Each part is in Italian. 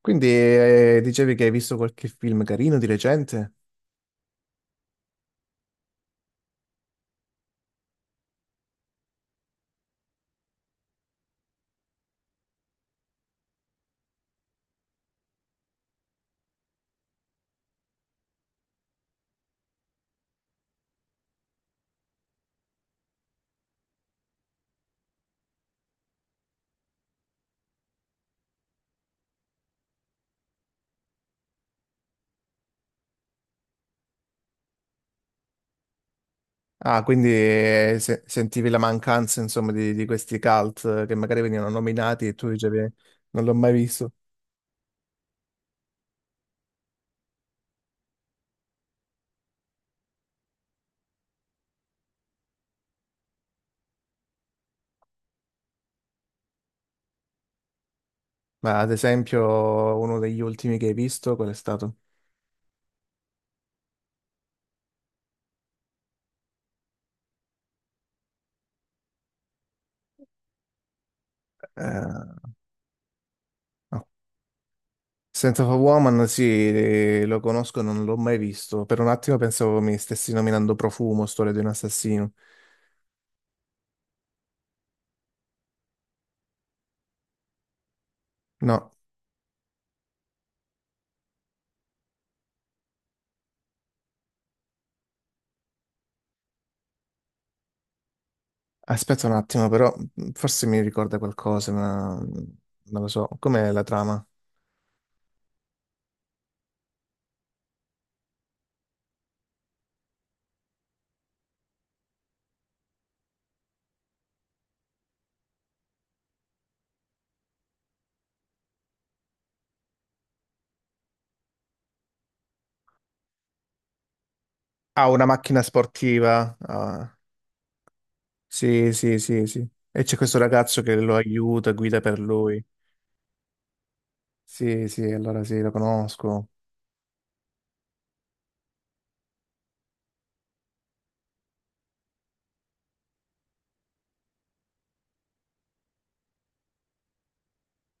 Quindi dicevi che hai visto qualche film carino di recente? Ah, quindi sentivi la mancanza, insomma, di questi cult che magari venivano nominati e tu dicevi non l'ho mai visto." Ma ad esempio uno degli ultimi che hai visto, qual è stato? Eh, no. Scent of a Woman, sì, lo conosco, non l'ho mai visto. Per un attimo pensavo mi stessi nominando Profumo, Storia di un assassino. No, aspetta un attimo, però forse mi ricorda qualcosa, ma non lo so. Com'è la trama? Ah, una macchina sportiva. Ah, sì, sì, sì, sì. E c'è questo ragazzo che lo aiuta, guida per lui. Sì, sì, allora sì, lo conosco.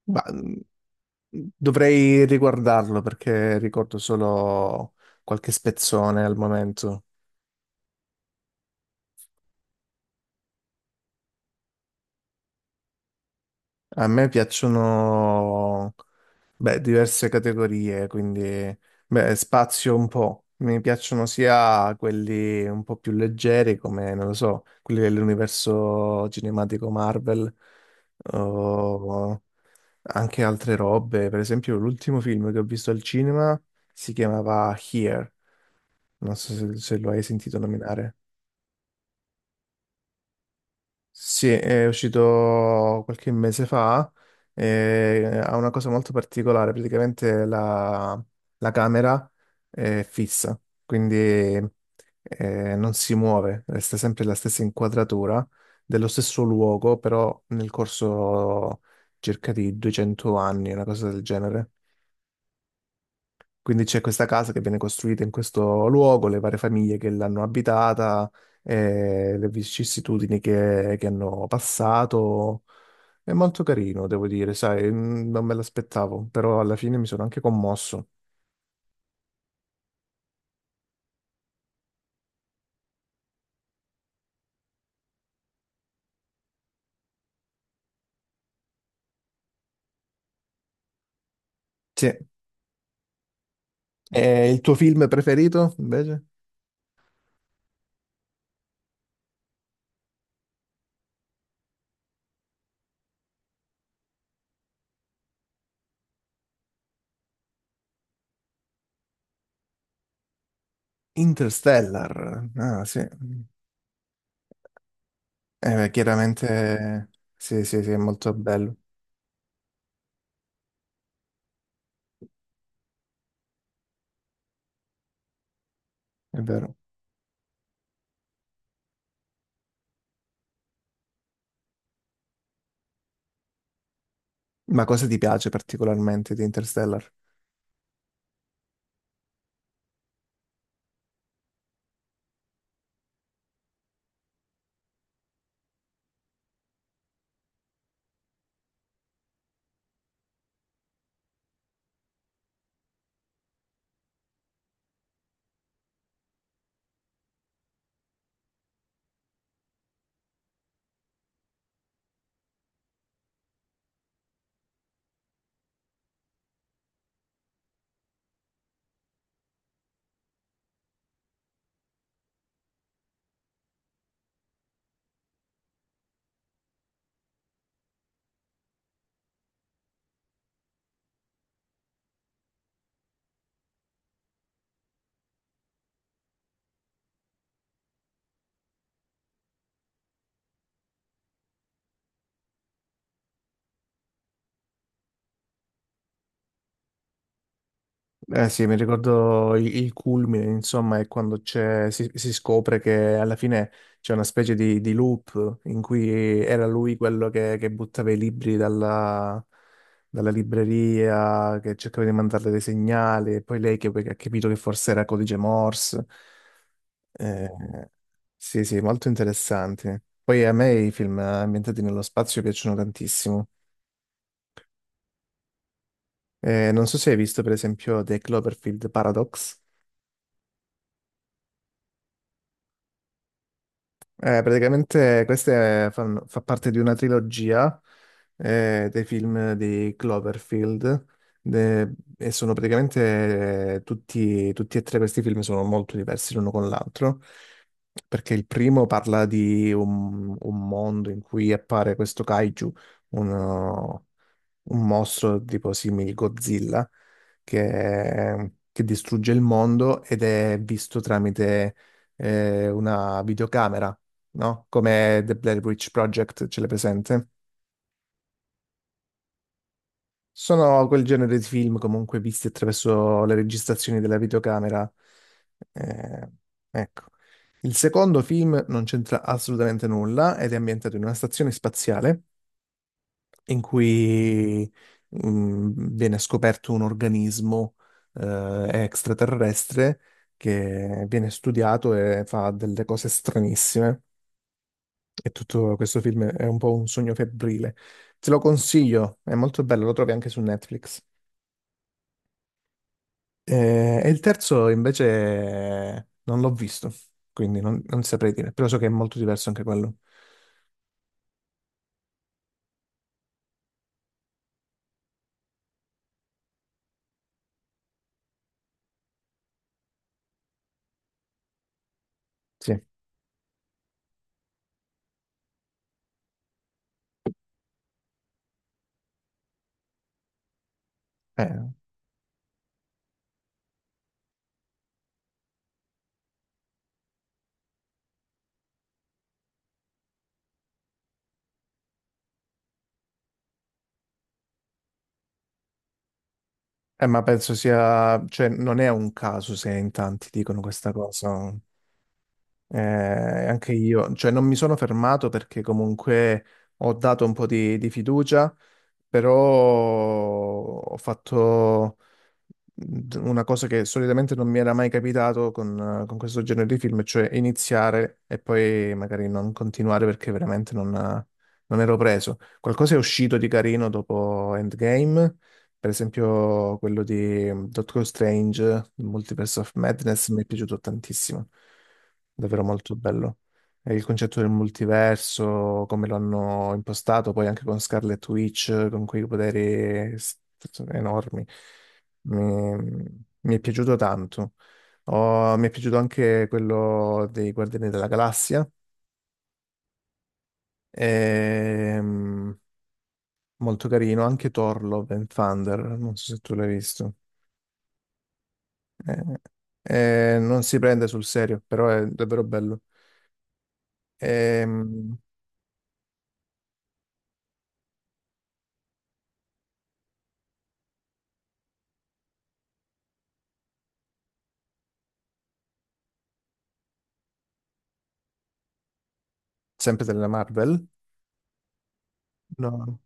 Ma dovrei riguardarlo perché ricordo solo qualche spezzone al momento. A me piacciono, beh, diverse categorie, quindi, beh, spazio un po'. Mi piacciono sia quelli un po' più leggeri, come, non lo so, quelli dell'universo cinematico Marvel, o anche altre robe. Per esempio, l'ultimo film che ho visto al cinema si chiamava Here. Non so se lo hai sentito nominare. Sì, è uscito qualche mese fa, ha una cosa molto particolare, praticamente la camera è fissa, quindi non si muove, resta sempre la stessa inquadratura dello stesso luogo, però nel corso circa di 200 anni, una cosa del genere. Quindi c'è questa casa che viene costruita in questo luogo, le varie famiglie che l'hanno abitata, le vicissitudini che hanno passato. È molto carino, devo dire, sai, non me l'aspettavo, però alla fine mi sono anche commosso. Sì. E il tuo film preferito, invece? Interstellar. Ah, sì. Beh, chiaramente sì, sì, sì, è molto bello, è vero. Ma cosa ti piace particolarmente di Interstellar? Eh sì, mi ricordo il culmine, insomma, è quando si scopre che alla fine c'è una specie di loop in cui era lui quello che buttava i libri dalla, dalla libreria, che cercava di mandarle dei segnali, e poi lei che ha capito che forse era codice Morse. Oh, sì, sì, molto interessanti. Poi a me i film ambientati nello spazio piacciono tantissimo. Non so se hai visto, per esempio, The Cloverfield Paradox. Praticamente fa parte di una trilogia dei film di Cloverfield e sono praticamente tutti, tutti e tre questi film sono molto diversi l'uno con l'altro perché il primo parla di un mondo in cui appare questo kaiju, uno- un mostro tipo simile Godzilla che distrugge il mondo ed è visto tramite una videocamera, no? Come The Blair Witch Project, ce l'è presente? Sono quel genere di film comunque visti attraverso le registrazioni della videocamera. Eh, ecco. Il secondo film non c'entra assolutamente nulla ed è ambientato in una stazione spaziale in cui viene scoperto un organismo extraterrestre che viene studiato e fa delle cose stranissime. E tutto questo film è un po' un sogno febbrile. Te lo consiglio, è molto bello, lo trovi anche su Netflix. E il terzo invece non l'ho visto, quindi non saprei dire, però so che è molto diverso anche quello. Sì, eh, ma penso sia, cioè non è un caso se in tanti dicono questa cosa. Eh, anche io, cioè non mi sono fermato perché comunque ho dato un po' di fiducia, però ho fatto, una cosa che solitamente non mi era mai capitato con questo genere di film, cioè iniziare e poi magari non continuare perché veramente non ero preso. Qualcosa è uscito di carino dopo Endgame, per esempio quello di Doctor Strange, il Multiverse of Madness, mi è piaciuto tantissimo, davvero molto bello. E il concetto del multiverso, come lo hanno impostato, poi anche con Scarlet Witch, con quei enormi mi mi è piaciuto tanto. Mi è piaciuto anche quello dei Guardiani della Galassia. Ehm, molto carino, anche Thor Love and Thunder, non so se tu l'hai visto. Eh, Non si prende sul serio, però è davvero bello. Ehm, sempre della Marvel, no?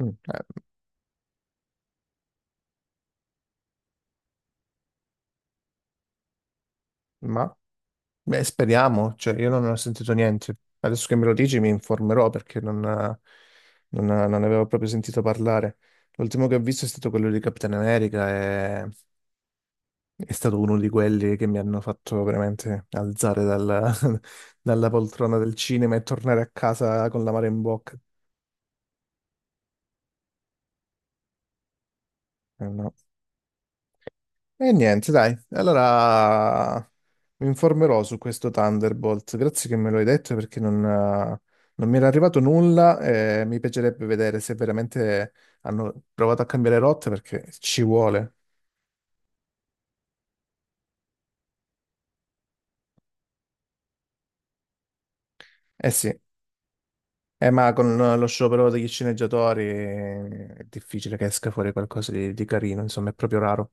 Mm, eh, ma Beh, speriamo, cioè io non ne ho sentito niente. Adesso che me lo dici mi informerò perché non ne avevo proprio sentito parlare. L'ultimo che ho visto è stato quello di Capitan America e è stato uno di quelli che mi hanno fatto veramente alzare dalla, dalla poltrona del cinema e tornare a casa con l'amaro in bocca. No. E niente, dai, allora mi informerò su questo Thunderbolt. Grazie che me lo hai detto perché non mi era arrivato nulla e mi piacerebbe vedere se veramente hanno provato a cambiare rotta perché ci vuole. Eh sì, ma con lo sciopero degli sceneggiatori è difficile che esca fuori qualcosa di carino, insomma è proprio raro.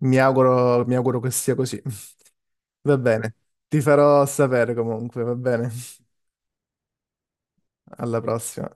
Mi auguro che sia così. Va bene, ti farò sapere comunque, va bene. Alla prossima.